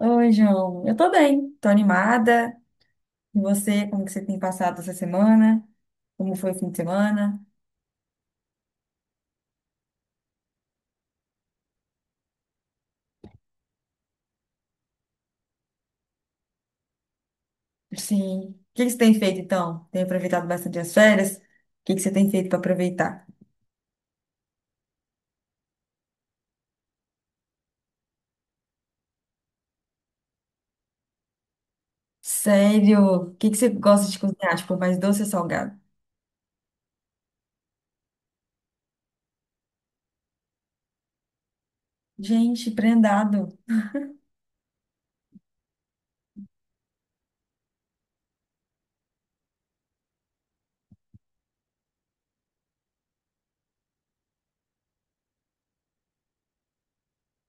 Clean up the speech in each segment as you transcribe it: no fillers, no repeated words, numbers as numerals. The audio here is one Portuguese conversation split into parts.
Oi, João. Eu tô bem, tô animada. E você, como que você tem passado essa semana? Como foi o fim de semana? Sim. O que que você tem feito então? Tem aproveitado bastante as férias? O que que você tem feito para aproveitar? Sério? O que que você gosta de cozinhar? Tipo, mais doce ou salgado? Gente, prendado.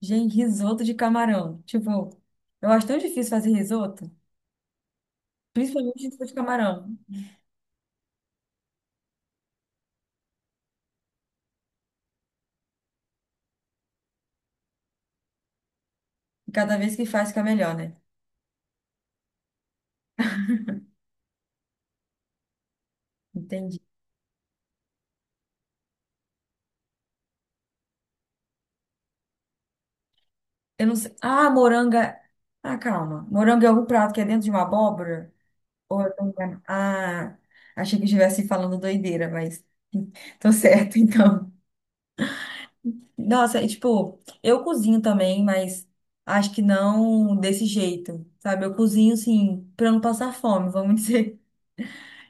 Gente, risoto de camarão. Tipo, eu acho tão difícil fazer risoto, principalmente risoto de camarão. E cada vez que faz, fica melhor, né? Entendi. Eu não sei. Ah, moranga. Ah, calma. Moranga é algum prato que é dentro de uma abóbora? Ou eu tô enganada? Ah, achei que eu estivesse falando doideira, mas tô certo, então. Nossa, e, tipo, eu cozinho também, mas acho que não desse jeito, sabe? Eu cozinho, assim, pra não passar fome, vamos dizer.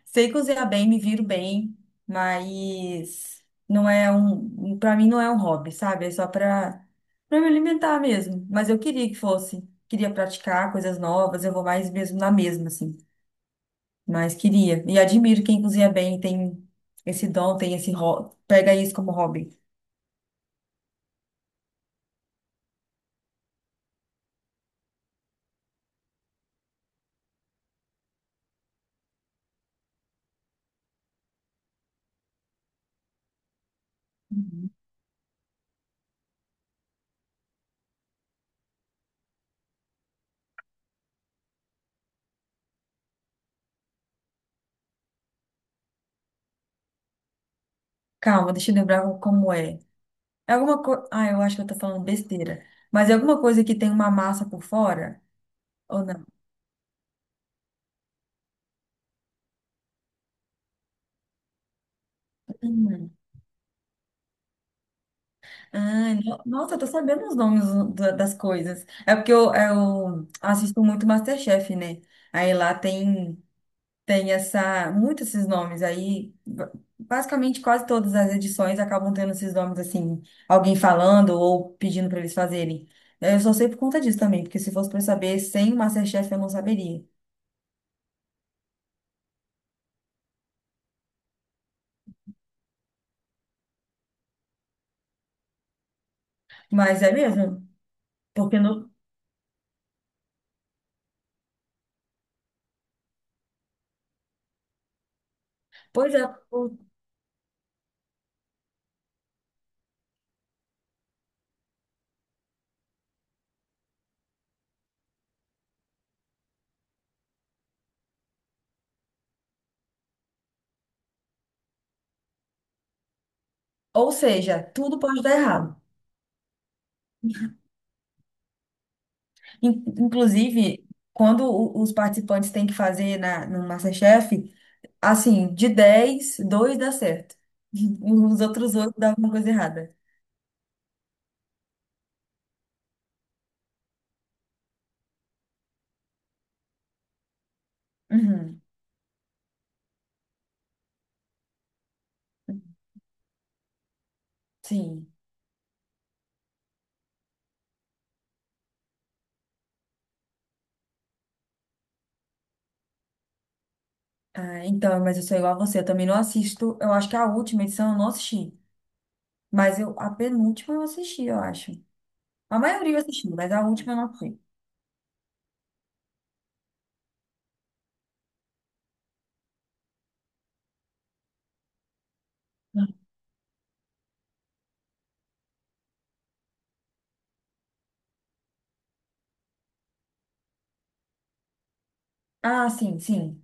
Sei cozinhar bem, me viro bem, mas não é um, para mim não é um hobby, sabe? É só para me alimentar mesmo. Mas eu queria que fosse, queria praticar coisas novas, eu vou mais mesmo na mesma assim, mas queria. E admiro quem cozinha bem, tem esse dom, tem esse hobby, pega isso como hobby. Uhum. Calma, deixa eu lembrar como é. É alguma coisa, ah, eu acho que eu tô falando besteira. Mas é alguma coisa que tem uma massa por fora ou não? Ah, nossa, eu tô sabendo os nomes das coisas. É porque eu assisto muito MasterChef, né? Aí lá tem essa, muitos esses nomes. Aí, basicamente, quase todas as edições acabam tendo esses nomes, assim, alguém falando ou pedindo para eles fazerem. Eu só sei por conta disso também, porque se fosse para saber sem o MasterChef eu não saberia. Mas é mesmo, porque no... Pois é, ou ou seja, tudo pode dar errado. Inclusive, quando os participantes têm que fazer no MasterChef, assim, de 10 dois dá certo. Os outros oito dá alguma coisa errada. Uhum. Sim. Ah, então, mas eu sou igual a você, eu também não assisto. Eu acho que a última edição eu não assisti. Mas eu, a penúltima eu assisti, eu acho. A maioria eu assisti, mas a última eu não fui. Ah, sim, sim.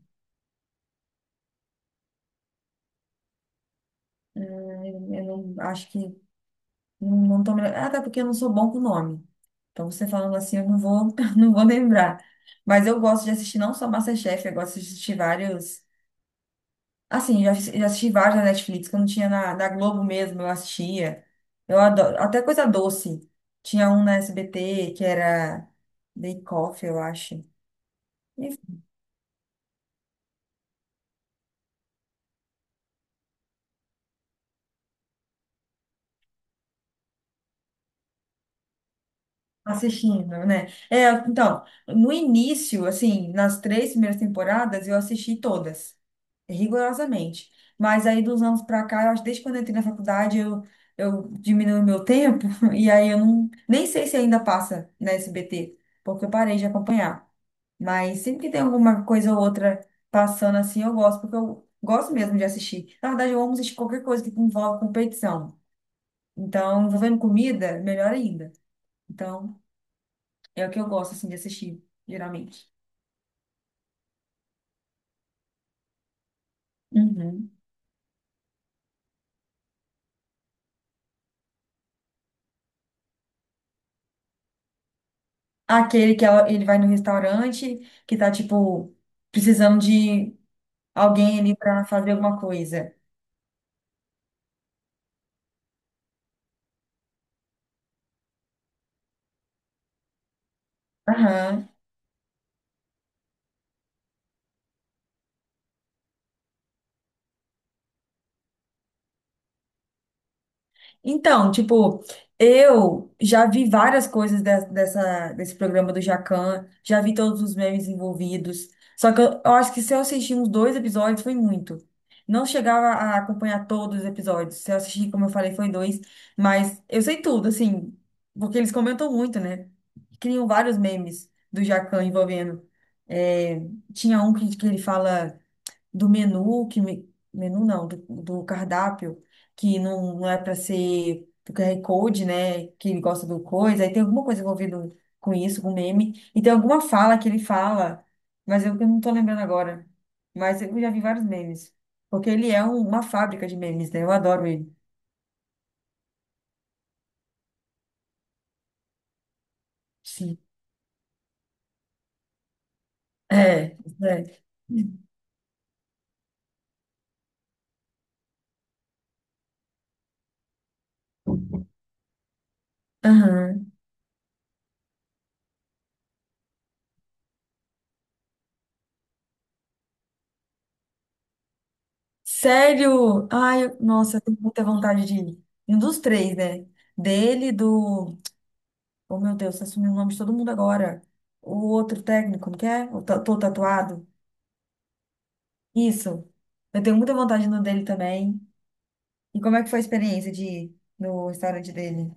Eu não acho que. Não tô me... Até porque eu não sou bom com nome. Então, você falando assim, eu não vou, não vou lembrar. Mas eu gosto de assistir não só MasterChef, eu gosto de assistir vários. Assim, já, já assisti vários na Netflix, que eu não tinha na Globo mesmo, eu assistia. Eu adoro. Até coisa doce. Tinha um na SBT que era Bake Off, eu acho. Assistindo, né? É, então, no início, assim, nas três primeiras temporadas, eu assisti todas, rigorosamente. Mas aí, dos anos pra cá, eu acho que desde quando eu entrei na faculdade, eu diminuí o meu tempo, e aí eu não, nem sei se ainda passa na SBT, porque eu parei de acompanhar. Mas sempre que tem alguma coisa ou outra passando assim, eu gosto, porque eu gosto mesmo de assistir. Na verdade, eu amo assistir qualquer coisa que envolve competição. Então, envolvendo comida, melhor ainda. Então. É o que eu gosto, assim, de assistir, geralmente. Uhum. Aquele que ele vai no restaurante, que tá, tipo, precisando de alguém ali pra fazer alguma coisa. Aham. Então, tipo, eu já vi várias coisas desse programa do Jacan, já vi todos os memes envolvidos. Só que eu acho que se eu assistir uns dois episódios foi muito. Não chegava a acompanhar todos os episódios. Se eu assistir, como eu falei, foi dois. Mas eu sei tudo, assim, porque eles comentam muito, né? Criam vários memes do Jacan envolvendo. É, tinha um que ele fala do menu, que menu não, do cardápio, que não, não é para ser do QR Code, né? Que ele gosta do coisa, aí tem alguma coisa envolvida com isso, com meme, e tem alguma fala que ele fala, mas eu que não tô lembrando agora. Mas eu já vi vários memes, porque ele é uma fábrica de memes, né? Eu adoro ele. Sim. É, é. Aham. Sério? Ai, nossa, eu tenho muita vontade de ir. Um dos três, né? Dele, do. Oh, meu Deus, você assumiu o nome de todo mundo agora. O outro técnico, como que é? O Tô Tatuado. Isso. Eu tenho muita vontade no dele também. E como é que foi a experiência de ir no restaurante dele?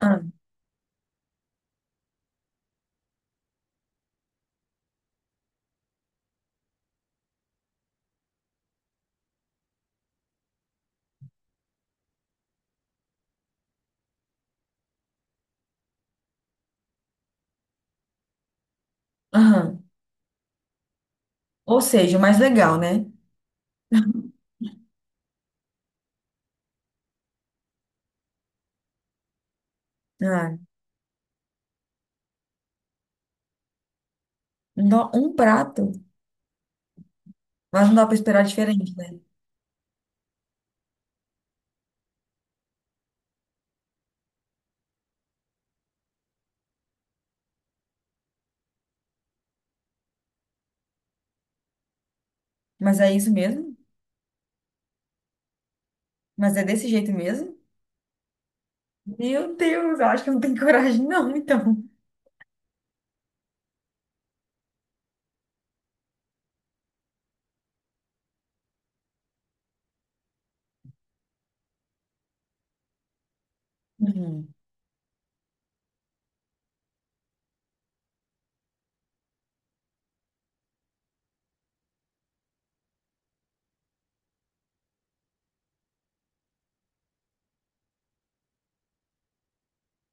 Ah, aham. Ou seja, o mais legal, né? Ah, não dá um prato, mas não dá pra esperar diferente, né? Mas é isso mesmo? Mas é desse jeito mesmo? Meu Deus, eu acho que eu não tenho coragem, não, então. Uhum.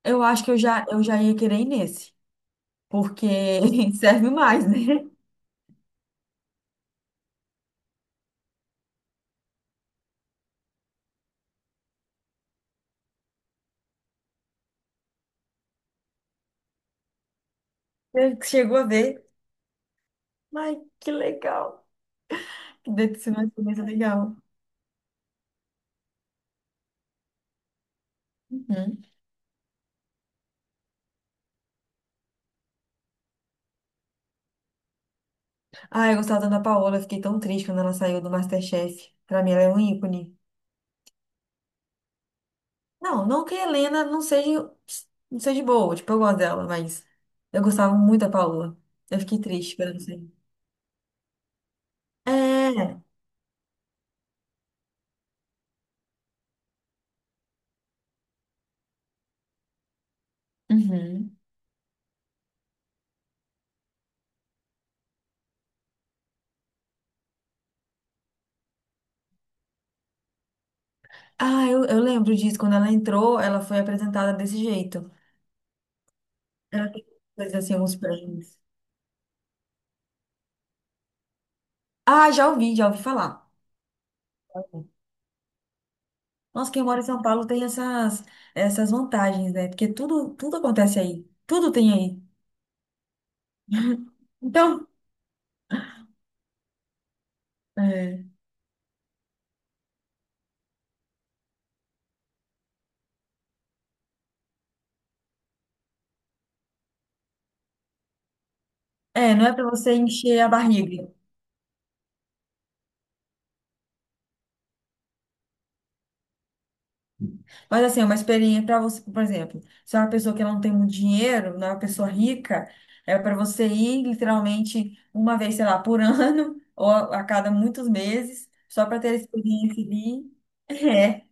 Eu acho que eu já ia querer ir nesse, porque serve mais, né? Você chegou a ver. Ai, que legal. Deve ser uma experiência legal. Uhum. Ah, eu gostava da Ana Paola, eu fiquei tão triste quando ela saiu do MasterChef. Pra mim, ela é um ícone. Não, não que a Helena não seja, não seja boa, tipo, eu gosto dela, mas eu gostava muito da Paola. Eu fiquei triste quando ela saiu. É. Uhum. Ah, eu lembro disso. Quando ela entrou, ela foi apresentada desse jeito. Ela tem coisas assim, uns prêmios. Ah, já ouvi falar. Nossa, quem mora em São Paulo tem essas vantagens, né? Porque tudo, tudo acontece aí. Tudo tem aí. Então, é, não é para você encher a barriga. Mas assim, é uma experiência para você, por exemplo, se é uma pessoa que não tem muito dinheiro, não é uma pessoa rica, é para você ir literalmente uma vez, sei lá, por ano, ou a cada muitos meses, só para ter a experiência ali. É,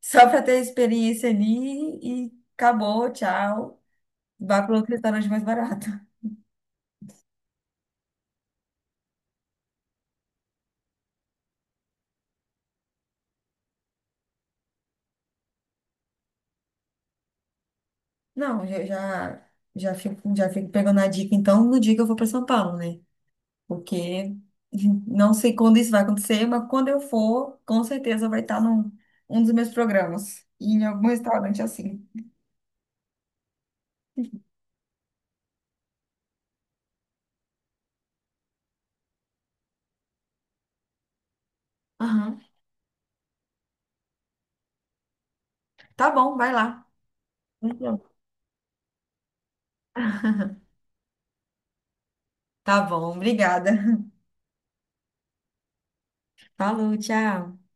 só para ter a experiência ali e acabou, tchau. Vai para outro restaurante mais barato. Não, já fico pegando a dica, então, no dia que eu for para São Paulo, né? Porque não sei quando isso vai acontecer, mas quando eu for, com certeza vai estar num dos meus programas, e em algum restaurante assim. Aham. Tá bom, vai lá. Então, tá bom, obrigada. Falou, tchau.